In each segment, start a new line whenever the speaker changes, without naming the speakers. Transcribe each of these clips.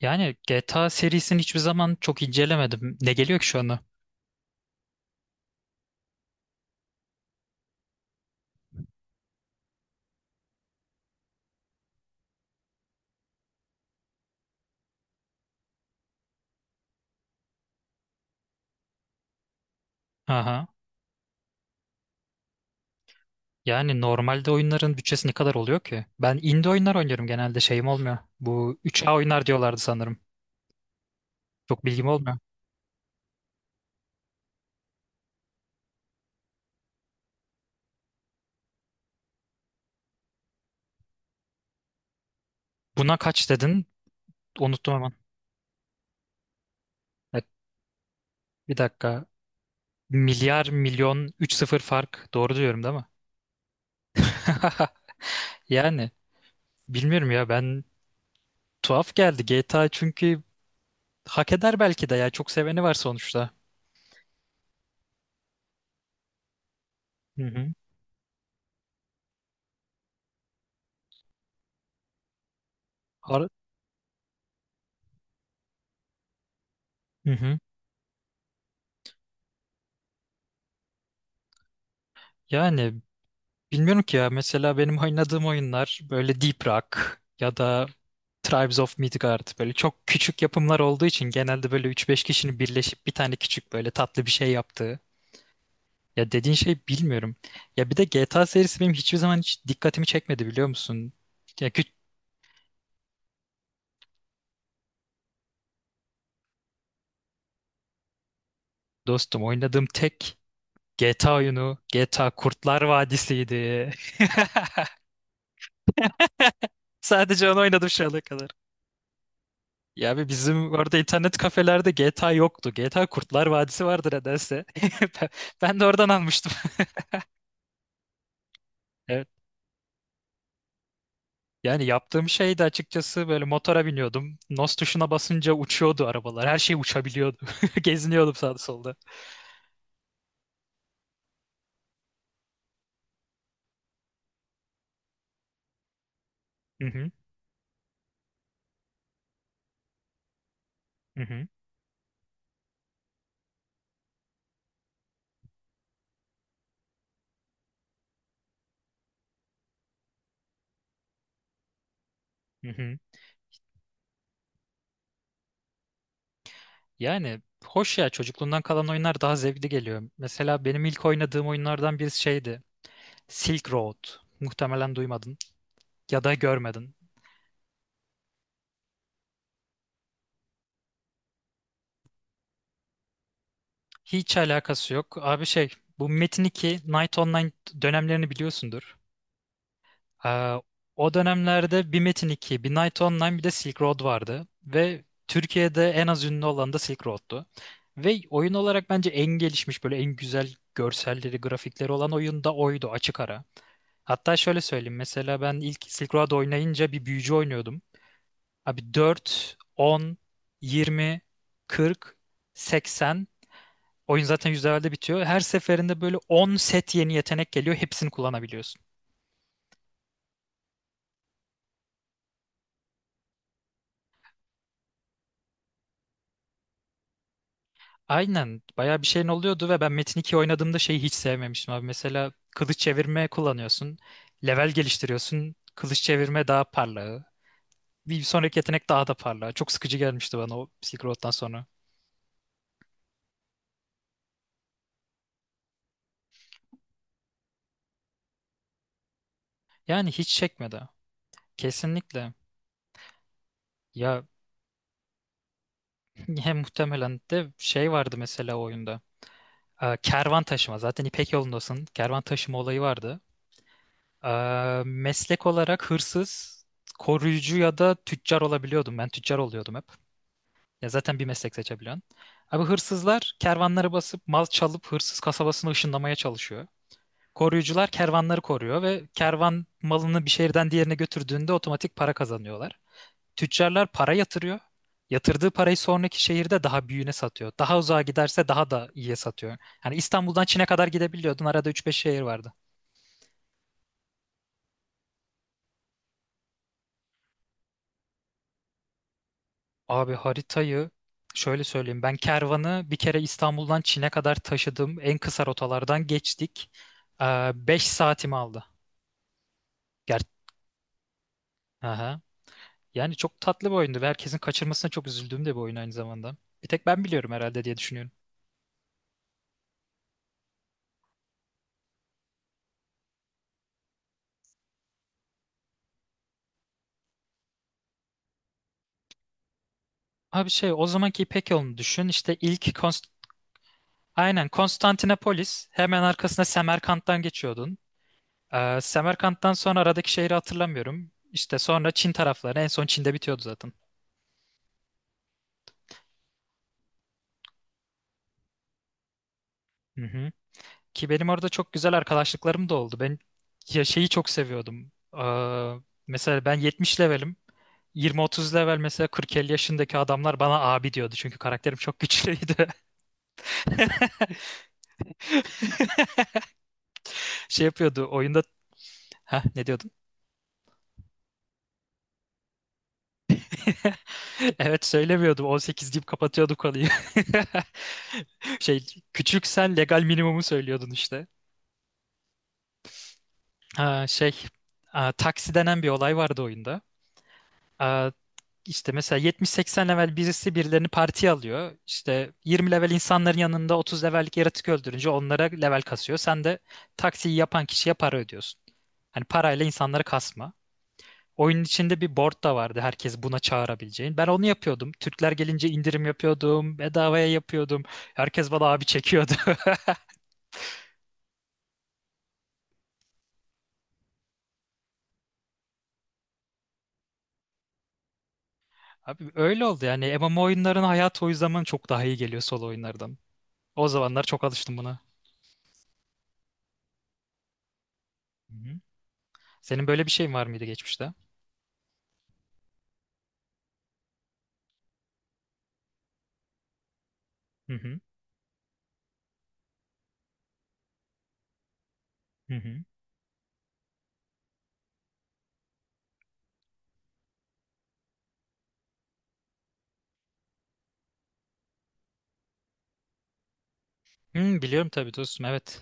Yani GTA serisini hiçbir zaman çok incelemedim. Ne geliyor ki şu anda? Aha. Yani normalde oyunların bütçesi ne kadar oluyor ki? Ben indie oyunlar oynuyorum genelde şeyim olmuyor. Bu üç a oyunlar diyorlardı sanırım. Çok bilgim olmuyor. Buna kaç dedin? Unuttum hemen. Evet, bir dakika. Milyar milyon üç sıfır fark. Doğru diyorum değil mi? Yani bilmiyorum ya ben tuhaf geldi GTA çünkü hak eder belki de ya çok seveni var sonuçta. Hı hı. Ar- hı hı. Yani bilmiyorum ki ya. Mesela benim oynadığım oyunlar böyle Deep Rock ya da Tribes of Midgard böyle çok küçük yapımlar olduğu için genelde böyle üç beş kişinin birleşip bir tane küçük böyle tatlı bir şey yaptığı. Ya dediğin şey bilmiyorum. Ya bir de GTA serisi benim hiçbir zaman hiç dikkatimi çekmedi biliyor musun? Ya küçük dostum, oynadığım tek GTA oyunu GTA Kurtlar Vadisi'ydi. Sadece onu oynadım şu ana kadar. Ya abi bizim orada internet kafelerde GTA yoktu. GTA Kurtlar Vadisi vardı nedense. Ben ben de oradan almıştım. Evet. Yani yaptığım şey de açıkçası böyle motora biniyordum. NOS tuşuna basınca uçuyordu arabalar. Her şey uçabiliyordu. Geziniyordum sağda solda. Hı hı, hı hı, hı hı. Yani hoş ya, çocukluğundan kalan oyunlar daha zevkli geliyor. Mesela benim ilk oynadığım oyunlardan birisi şeydi. Silk Road. Muhtemelen duymadın ya da görmedin. Hiç alakası yok. Abi şey, bu Metin 2 Night Online dönemlerini biliyorsundur. Ee, O dönemlerde bir Metin 2, bir Night Online bir de Silk Road vardı. Ve Türkiye'de en az ünlü olan da Silk Road'tu. Ve oyun olarak bence en gelişmiş, böyle en güzel görselleri, grafikleri olan oyun da oydu açık ara. Hatta şöyle söyleyeyim, mesela ben ilk Silk Road oynayınca bir büyücü oynuyordum. Abi 4, 10, 20, 40, 80. Oyun zaten %50'de bitiyor. Her seferinde böyle 10 set yeni yetenek geliyor. Hepsini kullanabiliyorsun. Aynen. Bayağı bir şeyin oluyordu ve ben Metin 2 oynadığımda şeyi hiç sevmemiştim abi. Mesela kılıç çevirme kullanıyorsun. Level geliştiriyorsun. Kılıç çevirme daha parlağı. Bir sonraki yetenek daha da parlağı. Çok sıkıcı gelmişti bana o Silk Road'dan sonra. Yani hiç çekmedi. Kesinlikle. Ya, hem muhtemelen de şey vardı mesela o oyunda. Kervan taşıma. Zaten İpek yolundasın. Kervan taşıma olayı vardı. Meslek olarak hırsız, koruyucu ya da tüccar olabiliyordum. Ben tüccar oluyordum hep. Ya zaten bir meslek seçebiliyorsun. Abi, hırsızlar kervanları basıp mal çalıp hırsız kasabasını ışınlamaya çalışıyor. Koruyucular kervanları koruyor ve kervan malını bir şehirden diğerine götürdüğünde otomatik para kazanıyorlar. Tüccarlar para yatırıyor. Yatırdığı parayı sonraki şehirde daha büyüğüne satıyor. Daha uzağa giderse daha da iyiye satıyor. Yani İstanbul'dan Çin'e kadar gidebiliyordun. Arada üç beş şehir vardı. Abi haritayı şöyle söyleyeyim. Ben kervanı bir kere İstanbul'dan Çin'e kadar taşıdım. En kısa rotalardan geçtik. 5 saatimi aldı. Ger Aha. Yani çok tatlı bir oyundu ve herkesin kaçırmasına çok üzüldüğüm de bir oyun aynı zamanda. Bir tek ben biliyorum herhalde diye düşünüyorum. Abi şey, o zamanki İpek yolunu düşün. İşte ilk aynen Konstantinopolis hemen arkasında Semerkant'tan geçiyordun. Semerkant'tan sonra aradaki şehri hatırlamıyorum. İşte sonra Çin tarafları, en son Çin'de bitiyordu zaten. Hı hı. Ki benim orada çok güzel arkadaşlıklarım da oldu. Ben ya şeyi çok seviyordum. Mesela ben 70 levelim. 20-30 level mesela, 40-50 yaşındaki adamlar bana abi diyordu. Çünkü karakterim çok güçlüydü. Şey yapıyordu oyunda... Ha, ne diyordun? Evet, söylemiyordum. 18 deyip kapatıyordu konuyu. Şey, küçüksen legal minimumu söylüyordun işte. Ha, şey, taksi denen bir olay vardı oyunda. Aa, işte mesela 70-80 level birisi birilerini partiye alıyor. İşte 20 level insanların yanında 30 levellik yaratık öldürünce onlara level kasıyor. Sen de taksiyi yapan kişiye para ödüyorsun. Hani parayla insanları kasma. Oyunun içinde bir board da vardı, herkes buna çağırabileceğin. Ben onu yapıyordum. Türkler gelince indirim yapıyordum. Bedavaya yapıyordum. Herkes bana abi çekiyordu. Abi öyle oldu yani. MMO oyunların hayatı o zaman çok daha iyi geliyor solo oyunlardan. O zamanlar çok alıştım buna. Hı hı. Senin böyle bir şeyin var mıydı geçmişte? Hı hı. Hı hı. Hı, biliyorum tabii dostum, evet.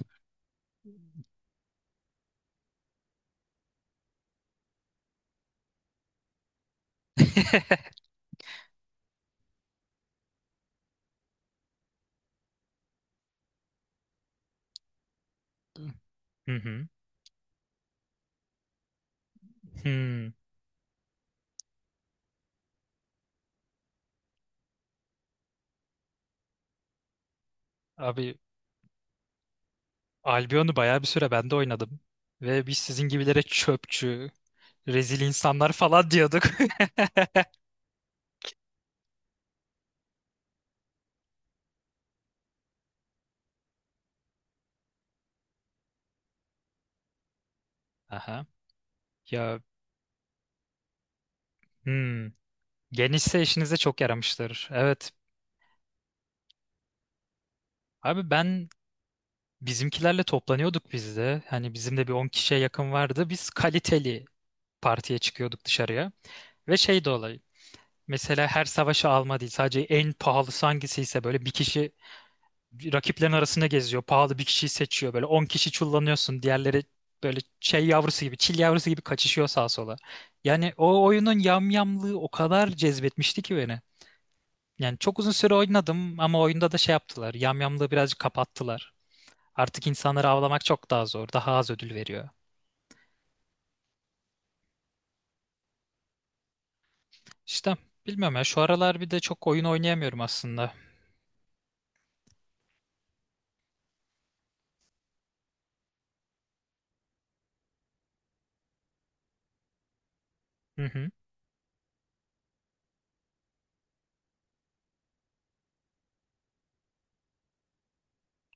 Hı hı. Hı. Abi Albion'u bayağı bir süre ben de oynadım. Ve biz sizin gibilere çöpçü, rezil insanlar falan diyorduk. Aha. Ya, hmm. Genişse işinize çok yaramıştır. Evet. Abi ben bizimkilerle toplanıyorduk biz de. Hani bizim de bir 10 kişiye yakın vardı. Biz kaliteli partiye çıkıyorduk dışarıya. Ve şey de olay. Mesela her savaşı alma değil. Sadece en pahalısı hangisiyse, böyle bir kişi rakiplerin arasında geziyor. Pahalı bir kişiyi seçiyor. Böyle 10 kişi çullanıyorsun. Diğerleri böyle şey yavrusu gibi, çil yavrusu gibi kaçışıyor sağa sola. Yani o oyunun yamyamlığı o kadar cezbetmişti ki beni. Yani çok uzun süre oynadım ama oyunda da şey yaptılar. Yamyamlığı birazcık kapattılar. Artık insanları avlamak çok daha zor. Daha az ödül veriyor. İşte bilmiyorum ya, şu aralar bir de çok oyun oynayamıyorum aslında. Hı hı.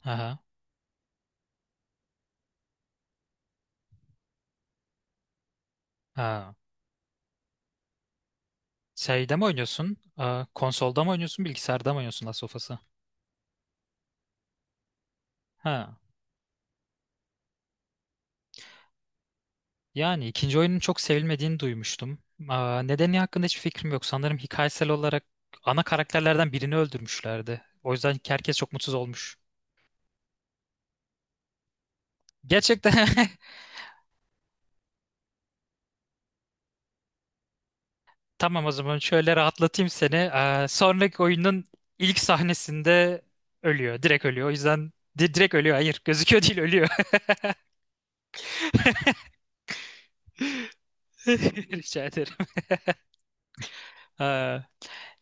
Aha. Ha. Şeyde mi oynuyorsun? Konsolda mı oynuyorsun? Bilgisayarda mı oynuyorsun Last of Us'ı? Ha. Yani ikinci oyunun çok sevilmediğini duymuştum. Nedeni hakkında hiçbir fikrim yok. Sanırım hikayesel olarak ana karakterlerden birini öldürmüşlerdi. O yüzden herkes çok mutsuz olmuş. Gerçekten tamam, o zaman şöyle rahatlatayım seni. Sonraki oyunun ilk sahnesinde ölüyor. Direkt ölüyor. O yüzden direkt ölüyor. Hayır, gözüküyor değil, ölüyor. Rica ederim. Ee,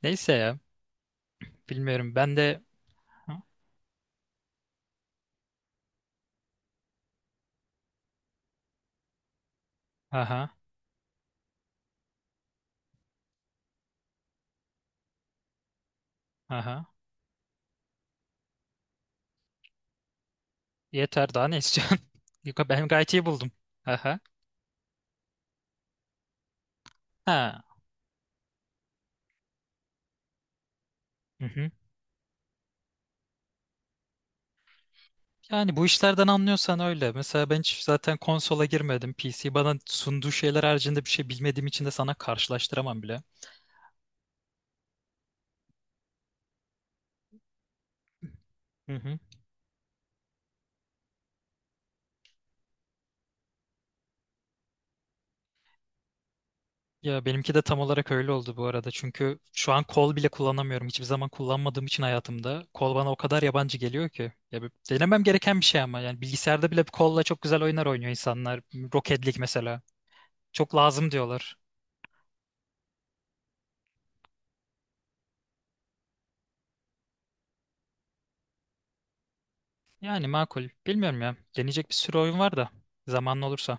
neyse ya. Bilmiyorum ben de... Aha, aha. Yeter, daha ne istiyorsun? Yok, ben gayet iyi buldum. Aha. Ha. Hı hı. Yani bu işlerden anlıyorsan öyle. Mesela ben hiç zaten konsola girmedim. PC bana sunduğu şeyler haricinde bir şey bilmediğim için de sana karşılaştıramam bile. Hı hı. Ya benimki de tam olarak öyle oldu bu arada. Çünkü şu an kol bile kullanamıyorum. Hiçbir zaman kullanmadığım için hayatımda. Kol bana o kadar yabancı geliyor ki. Ya denemem gereken bir şey ama. Yani bilgisayarda bile kolla çok güzel oyunlar oynuyor insanlar. Rocket League mesela. Çok lazım diyorlar. Yani makul. Bilmiyorum ya. Deneyecek bir sürü oyun var da. Zamanlı olursa.